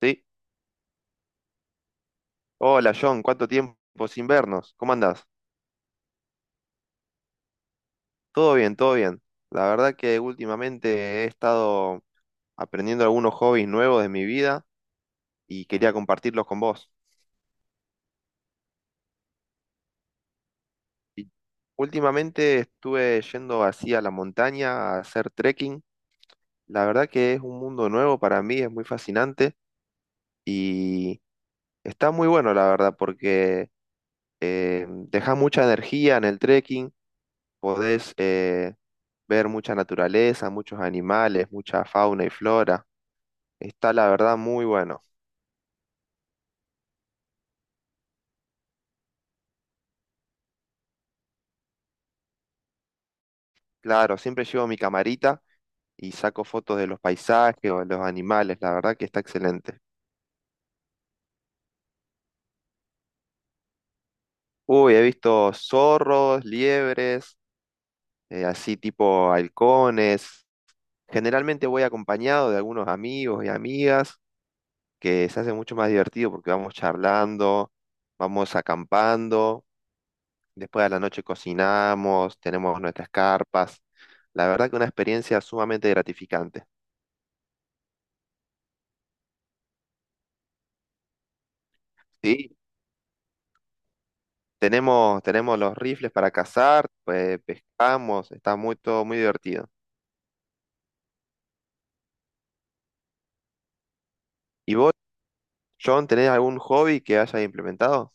Sí. Hola John, ¿cuánto tiempo sin vernos? ¿Cómo andás? Todo bien, todo bien. La verdad que últimamente he estado aprendiendo algunos hobbies nuevos de mi vida y quería compartirlos con vos. Y últimamente estuve yendo así a la montaña a hacer trekking. La verdad que es un mundo nuevo para mí, es muy fascinante y está muy bueno, la verdad, porque deja mucha energía en el trekking. Podés ver mucha naturaleza, muchos animales, mucha fauna y flora. Está la verdad muy bueno. Claro, siempre llevo mi camarita y saco fotos de los paisajes o de los animales. La verdad que está excelente. Uy, he visto zorros, liebres, así tipo halcones. Generalmente voy acompañado de algunos amigos y amigas que se hace mucho más divertido porque vamos charlando, vamos acampando. Después a la noche cocinamos, tenemos nuestras carpas. La verdad que una experiencia sumamente gratificante. Sí, tenemos los rifles para cazar, pues pescamos, está muy, todo muy divertido. ¿Y vos, John, tenés algún hobby que hayas implementado?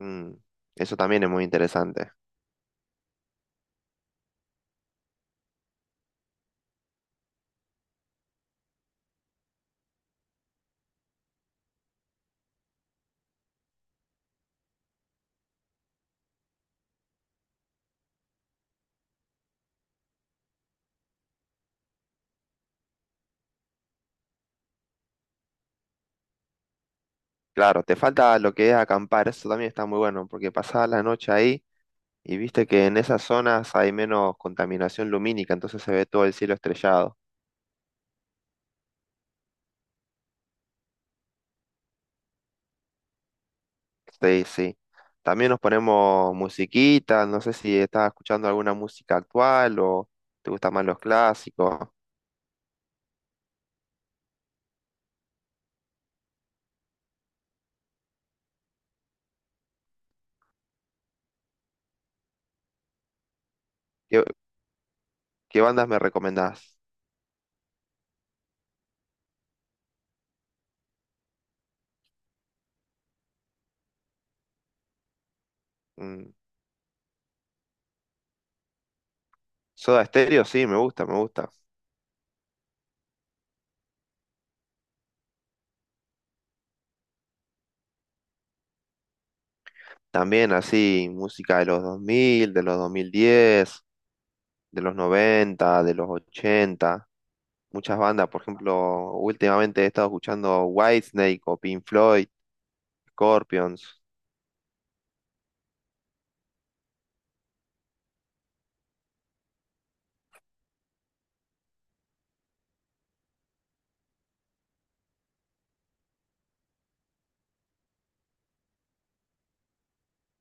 Mm, eso también es muy interesante. Claro, te falta lo que es acampar, eso también está muy bueno, porque pasás la noche ahí y viste que en esas zonas hay menos contaminación lumínica, entonces se ve todo el cielo estrellado. Sí, sí. También nos ponemos musiquita, no sé si estás escuchando alguna música actual o te gustan más los clásicos. ¿Qué, qué bandas me recomendás? Mm, Soda Stereo, sí, me gusta, me gusta. También así, música de los 2000, de los 2010, de los 90, de los 80. Muchas bandas, por ejemplo, últimamente he estado escuchando Whitesnake o Pink Floyd, Scorpions.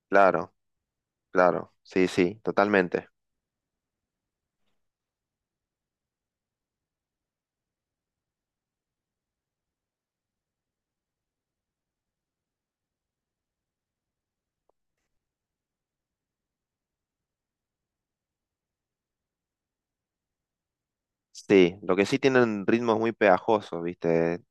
Claro, claro, sí, sí, totalmente. Sí, lo que sí tienen ritmos muy pegajosos, ¿viste?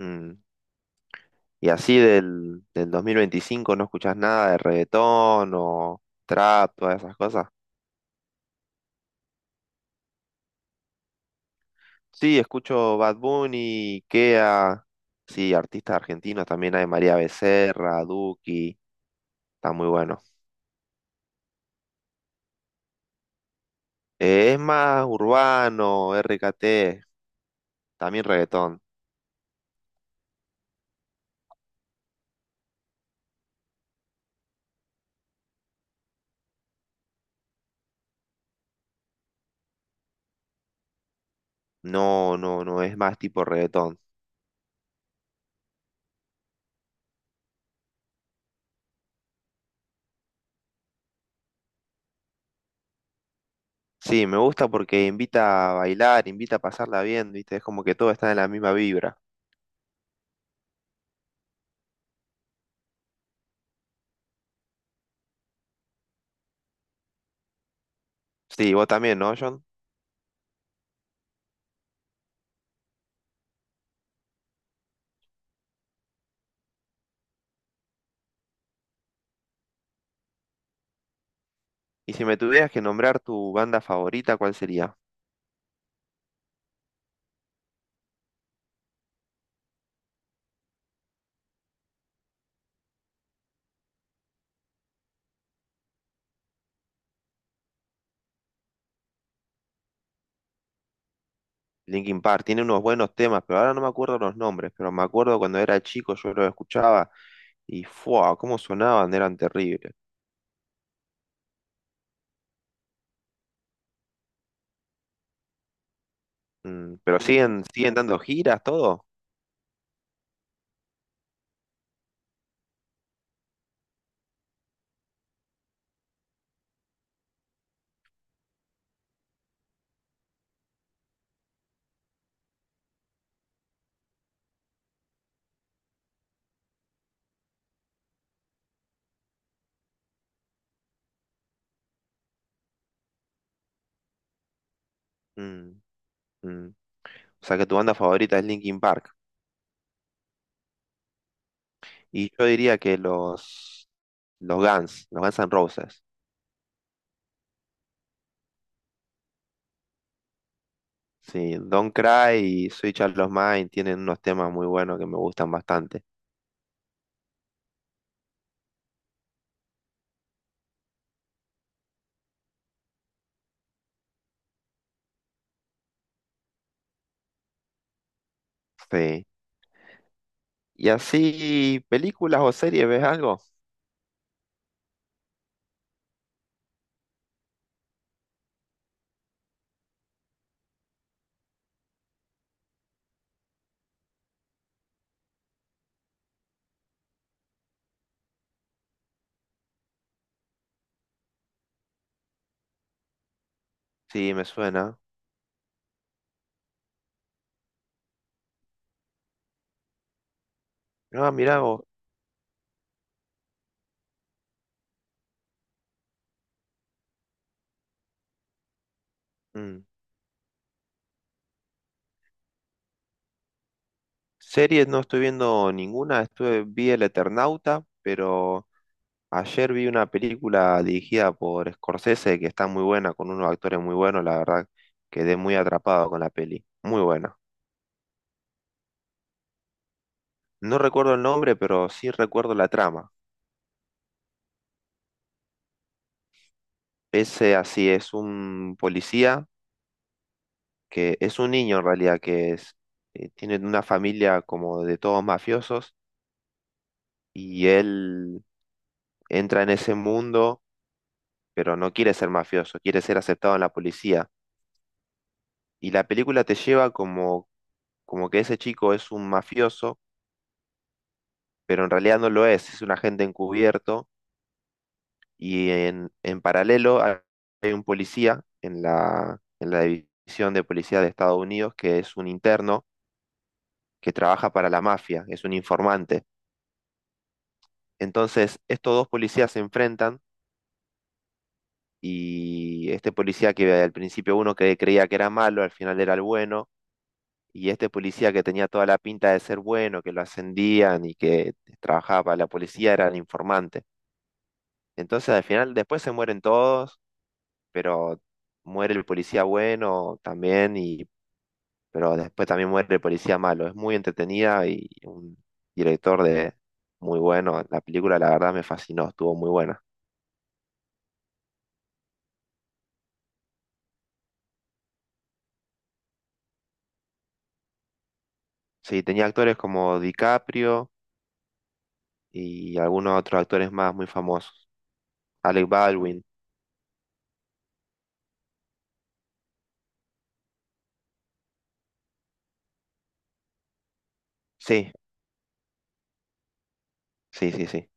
Mm. Y así del 2025 no escuchás nada de reggaetón o trap, todas esas cosas. Sí, escucho Bad Bunny, Kea, sí, artistas argentinos, también hay María Becerra, Duki, está muy bueno. Es más urbano, RKT, también reggaetón. No, no, no, es más tipo reggaetón. Sí, me gusta porque invita a bailar, invita a pasarla bien, ¿viste? Es como que todo está en la misma vibra. Sí, vos también, ¿no, John? Y si me tuvieras que nombrar tu banda favorita, ¿cuál sería? Linkin Park tiene unos buenos temas, pero ahora no me acuerdo los nombres, pero me acuerdo cuando era chico yo los escuchaba y ¡fua! Cómo sonaban, eran terribles. Mm, pero siguen dando giras, todo. Mm, mm. O sea que tu banda favorita es Linkin Park. Y yo diría que los Guns N' Roses. Sí, Don't Cry y Switch Out of Mind tienen unos temas muy buenos que me gustan bastante. Sí. Y así, películas o series, ¿ves algo? Sí, me suena. No, mirá vos. Mm. Series no estoy viendo ninguna. Estuve, vi El Eternauta, pero ayer vi una película dirigida por Scorsese que está muy buena, con unos actores muy buenos, la verdad. Quedé muy atrapado con la peli. Muy buena. No recuerdo el nombre, pero sí recuerdo la trama. Ese así es un policía que es un niño en realidad, que es, tiene una familia como de todos mafiosos y él entra en ese mundo, pero no quiere ser mafioso, quiere ser aceptado en la policía. Y la película te lleva como, como que ese chico es un mafioso, pero en realidad no lo es un agente encubierto y en paralelo hay hay un policía en la división de policía de Estados Unidos que es un interno que trabaja para la mafia, es un informante. Entonces, estos dos policías se enfrentan y este policía que al principio uno que creía que era malo, al final era el bueno, y este policía que tenía toda la pinta de ser bueno, que lo ascendían y que trabajaba para la policía, era el informante. Entonces al final después se mueren todos, pero muere el policía bueno también, y, pero después también muere el policía malo. Es muy entretenida y un director de muy bueno. La película la verdad me fascinó, estuvo muy buena. Sí, tenía actores como DiCaprio y algunos otros actores más muy famosos. Alec Baldwin. Sí, sí, sí, sí.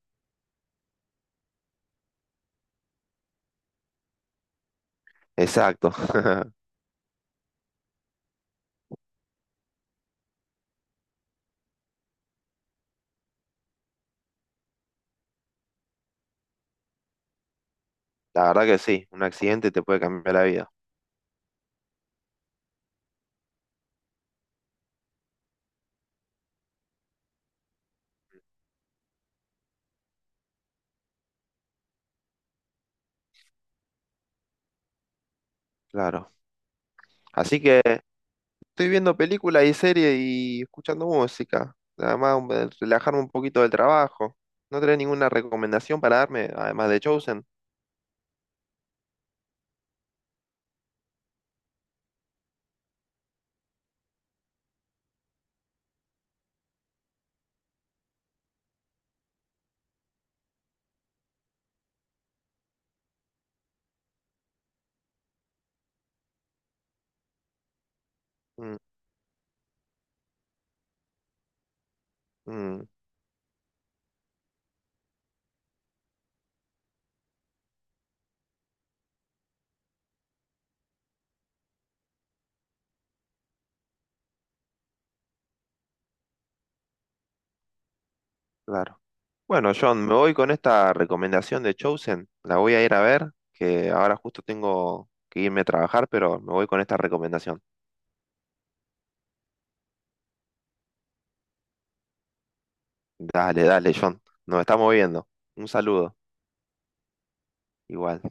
Exacto. La verdad que sí, un accidente te puede cambiar la vida. Claro. Así que estoy viendo películas y series y escuchando música. Además, relajarme un poquito del trabajo. ¿No tenés ninguna recomendación para darme, además de Chosen? Mm, mm, claro. Bueno, John, me voy con esta recomendación de Chosen. La voy a ir a ver, que ahora justo tengo que irme a trabajar, pero me voy con esta recomendación. Dale, dale, John. Nos estamos viendo. Un saludo, igual.